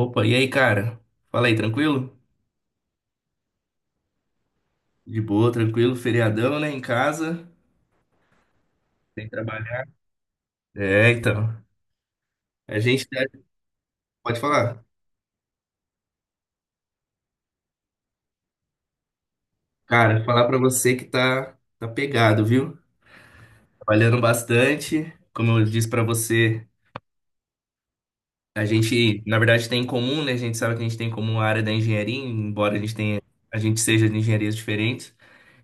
Opa, e aí, cara? Fala aí, tranquilo? De boa, tranquilo, feriadão, né? Em casa, sem trabalhar. É, então. A gente tá- pode falar. Cara, falar pra você que tá pegado, viu? Trabalhando bastante. Como eu disse pra você, a gente, na verdade, tem em comum, né? A gente sabe que a gente tem em comum a área da engenharia, embora a gente tenha, a gente seja de engenharias diferentes.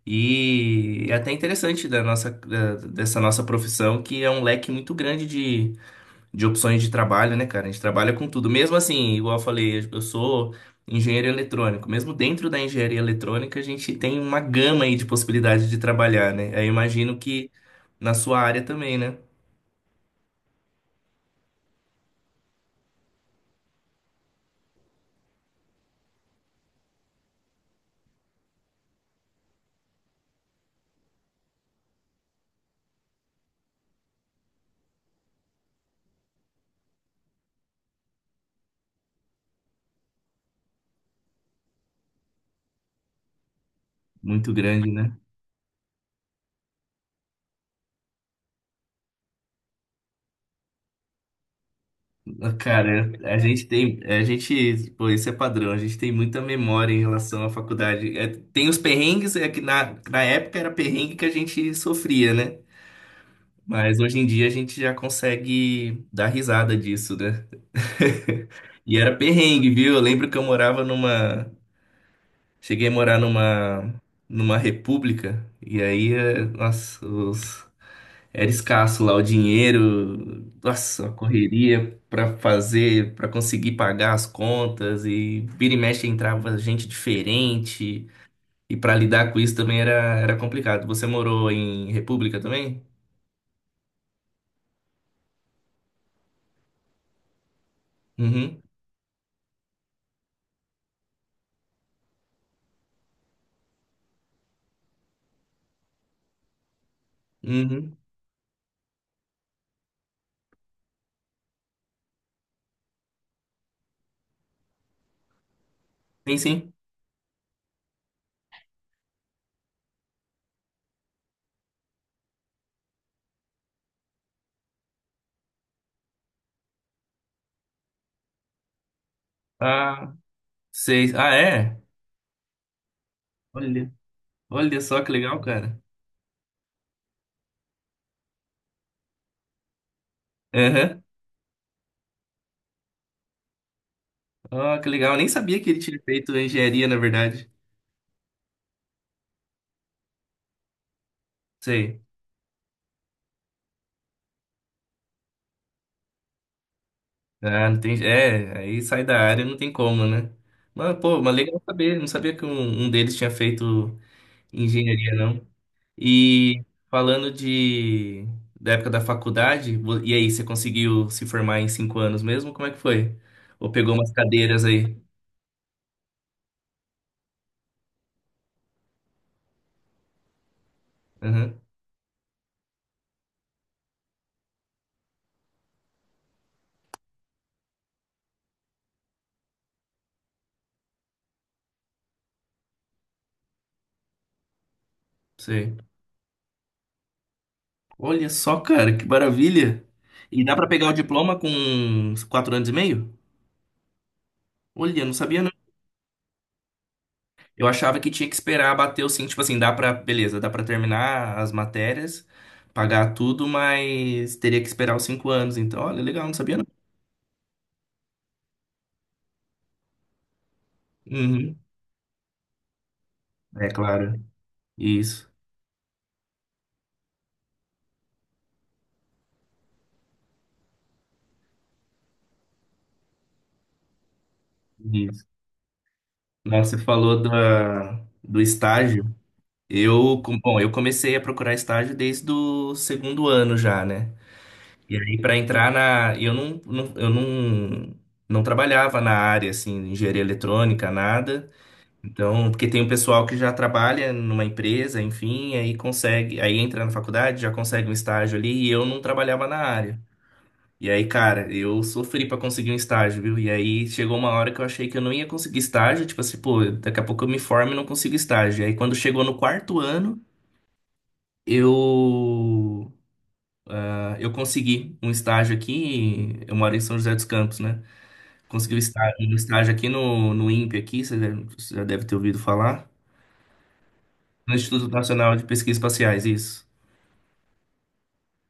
E é até interessante da nossa, dessa nossa profissão, que é um leque muito grande de opções de trabalho, né, cara? A gente trabalha com tudo. Mesmo assim, igual eu falei, eu sou engenheiro eletrônico. Mesmo dentro da engenharia eletrônica, a gente tem uma gama aí de possibilidades de trabalhar, né? Aí eu imagino que na sua área também, né? Muito grande, né? Cara, a gente, pô, isso é padrão, a gente tem muita memória em relação à faculdade. É, tem os perrengues, é que na época era perrengue que a gente sofria, né? Mas hoje em dia a gente já consegue dar risada disso, né? E era perrengue, viu? Eu lembro que eu morava numa. Cheguei a morar numa. Numa república. E aí, nossa, era escasso lá o dinheiro. Nossa, a correria pra fazer, pra conseguir pagar as contas. E vira e mexe entrava gente diferente. E pra lidar com isso também era, era complicado. Você morou em república também? Uhum. Uhum. Sim, sim. Ah, sei. Ah, é? Olha. Olha só que legal, cara. Aham. Ó, que legal. Eu nem sabia que ele tinha feito engenharia, na verdade. Sei. Ah, não tem... É, aí sai da área, não tem como, né? Mas, pô, mas legal saber. Não sabia que um deles tinha feito engenharia, não. E falando de... da época da faculdade, e aí, você conseguiu se formar em cinco anos mesmo? Como é que foi? Ou pegou umas cadeiras aí? Aham, sei. Olha só, cara, que maravilha. E dá pra pegar o diploma com quatro anos e meio? Olha, não sabia, não. Eu achava que tinha que esperar bater o sim, tipo assim, dá pra, beleza, dá pra terminar as matérias, pagar tudo, mas teria que esperar os cinco anos. Então, olha, legal, não sabia não. Uhum. É claro. Isso, isso. Nossa, você falou da, do estágio. Bom, eu comecei a procurar estágio desde o segundo ano já, né? E aí, para entrar na. Eu não, não trabalhava na área, assim, engenharia eletrônica, nada. Então, porque tem um pessoal que já trabalha numa empresa, enfim, aí consegue, aí entra na faculdade, já consegue um estágio ali, e eu não trabalhava na área. E aí, cara, eu sofri pra conseguir um estágio, viu? E aí chegou uma hora que eu achei que eu não ia conseguir estágio, tipo assim, pô, daqui a pouco eu me formo e não consigo estágio. E aí quando chegou no quarto ano, eu ah, eu consegui um estágio aqui, eu moro em São José dos Campos, né? Consegui um estágio aqui no INPE aqui, você já deve ter ouvido falar. No Instituto Nacional de Pesquisas Espaciais, isso.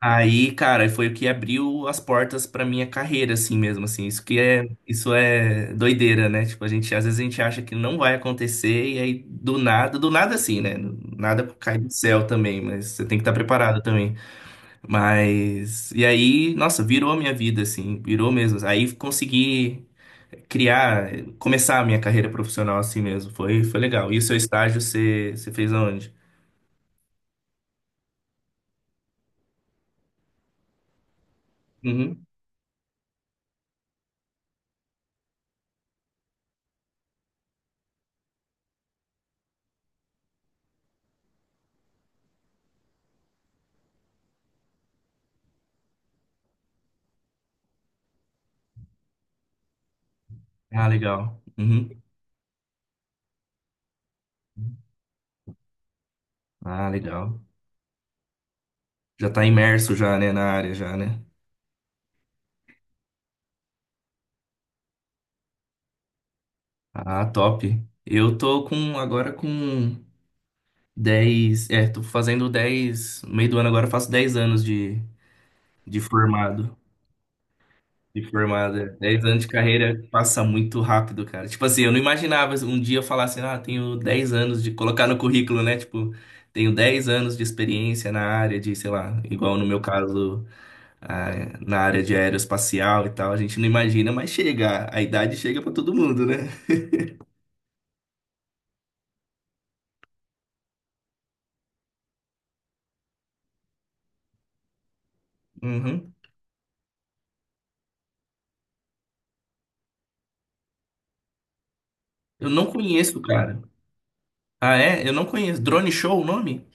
Aí, cara, foi o que abriu as portas pra minha carreira, assim mesmo, assim. Isso que é, isso é doideira, né? Tipo, às vezes a gente acha que não vai acontecer e aí do nada assim, né? Nada cai do céu também, mas você tem que estar preparado também. Mas e aí, nossa, virou a minha vida, assim, virou mesmo. Aí consegui criar, começar a minha carreira profissional assim mesmo. Foi, foi legal. E o seu estágio você fez aonde? Uhum. Ah, legal. Uhum. Ah, legal. Já tá imerso já, né, na área já, né? Ah, top. Eu tô com 10. É, tô fazendo 10 no meio do ano, agora eu faço 10 anos de formado, de formada. 10 anos de carreira passa muito rápido, cara. Tipo assim, eu não imaginava um dia eu falar assim, ah, tenho 10 anos de colocar no currículo, né? Tipo, tenho 10 anos de experiência na área de, sei lá, igual no meu caso ah, na área de aeroespacial e tal, a gente não imagina, mas chega, a idade chega pra todo mundo, né? Uhum. Eu não conheço, cara. Ah, é? Eu não conheço. Drone Show o nome?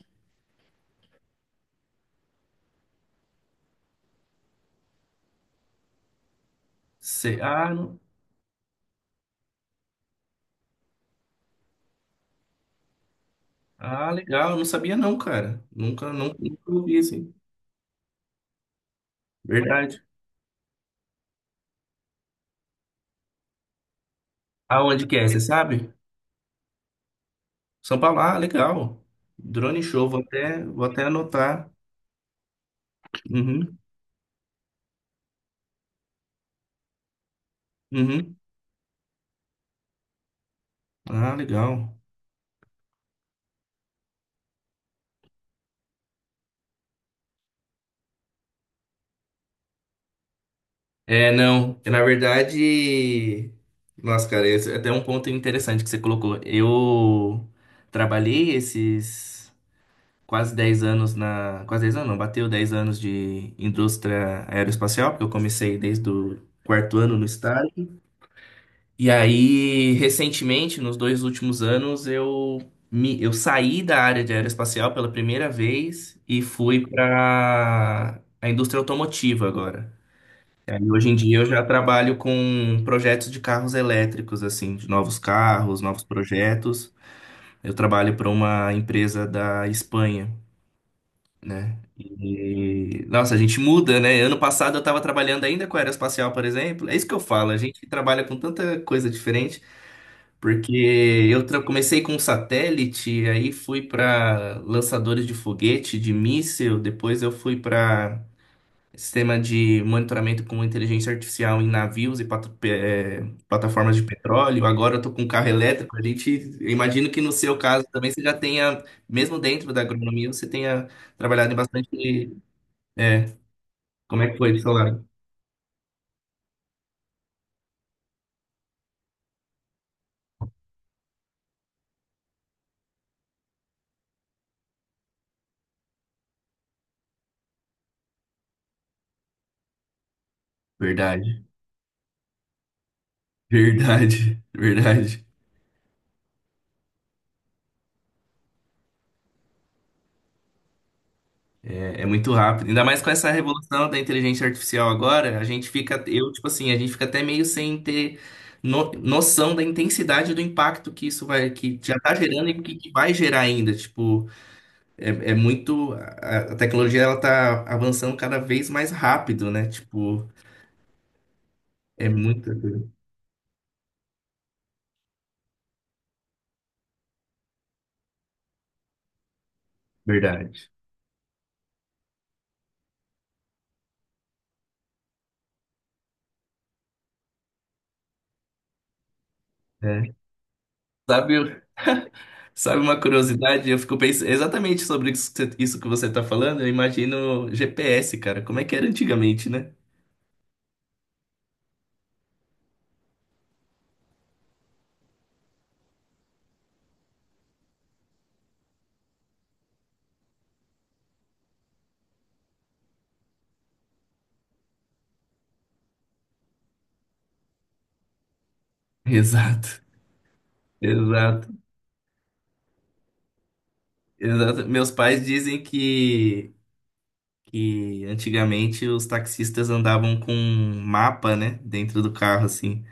Cê- Ah, não- ah, legal, eu não sabia não, cara. Nunca, nunca, nunca ouvi assim. Verdade. Aonde que é, você sabe? São Paulo, ah, legal. Drone Show, vou até anotar. Uhum, uhum. Ah, legal. É, não. Na verdade, nossa, cara, esse é até um ponto interessante que você colocou. Eu trabalhei esses quase 10 anos na. Quase 10 anos, não, bateu 10 anos de indústria aeroespacial, porque eu comecei desde o quarto ano no estágio. E aí, recentemente, nos dois últimos anos, eu saí da área de aeroespacial pela primeira vez e fui para a indústria automotiva agora. É, e aí, hoje em dia eu já trabalho com projetos de carros elétricos, assim, de novos carros, novos projetos. Eu trabalho para uma empresa da Espanha, né? E, nossa, a gente muda, né? Ano passado eu estava trabalhando ainda com aeroespacial, por exemplo. É isso que eu falo, a gente trabalha com tanta coisa diferente, porque comecei com um satélite, aí fui para lançadores de foguete, de míssil, depois eu fui para sistema de monitoramento com inteligência artificial em navios e plataformas de petróleo. Agora eu tô com um carro elétrico. A gente, eu imagino que no seu caso também você já tenha, mesmo dentro da agronomia, você tenha trabalhado em bastante. É, como é que foi do seu lado? Verdade, verdade, verdade. É, é muito rápido. Ainda mais com essa revolução da inteligência artificial agora, a gente fica, eu, tipo assim, a gente fica até meio sem ter noção da intensidade do impacto que isso vai, que já tá gerando e que vai gerar ainda. Tipo, é, é muito, a tecnologia, ela tá avançando cada vez mais rápido, né? Tipo, é muita coisa. Verdade. É. Sabe, sabe uma curiosidade? Eu fico pensando exatamente sobre isso que você tá falando, eu imagino GPS, cara. Como é que era antigamente, né? Exato. Exato, exato. Meus pais dizem que antigamente os taxistas andavam com um mapa, né, dentro do carro, assim.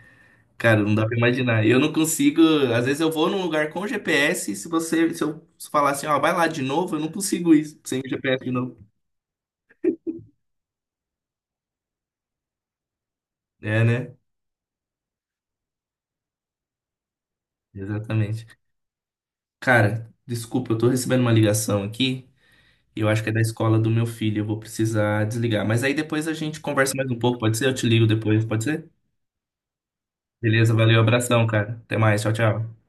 Cara, não dá pra imaginar. Eu não consigo. Às vezes eu vou num lugar com GPS, e se você, se eu falar assim, ó, vai lá de novo, eu não consigo ir sem o GPS de novo. É, né? Exatamente. Cara, desculpa, eu tô recebendo uma ligação aqui. E eu acho que é da escola do meu filho. Eu vou precisar desligar. Mas aí depois a gente conversa mais um pouco, pode ser? Eu te ligo depois, pode ser? Beleza, valeu, abração, cara. Até mais, tchau, tchau.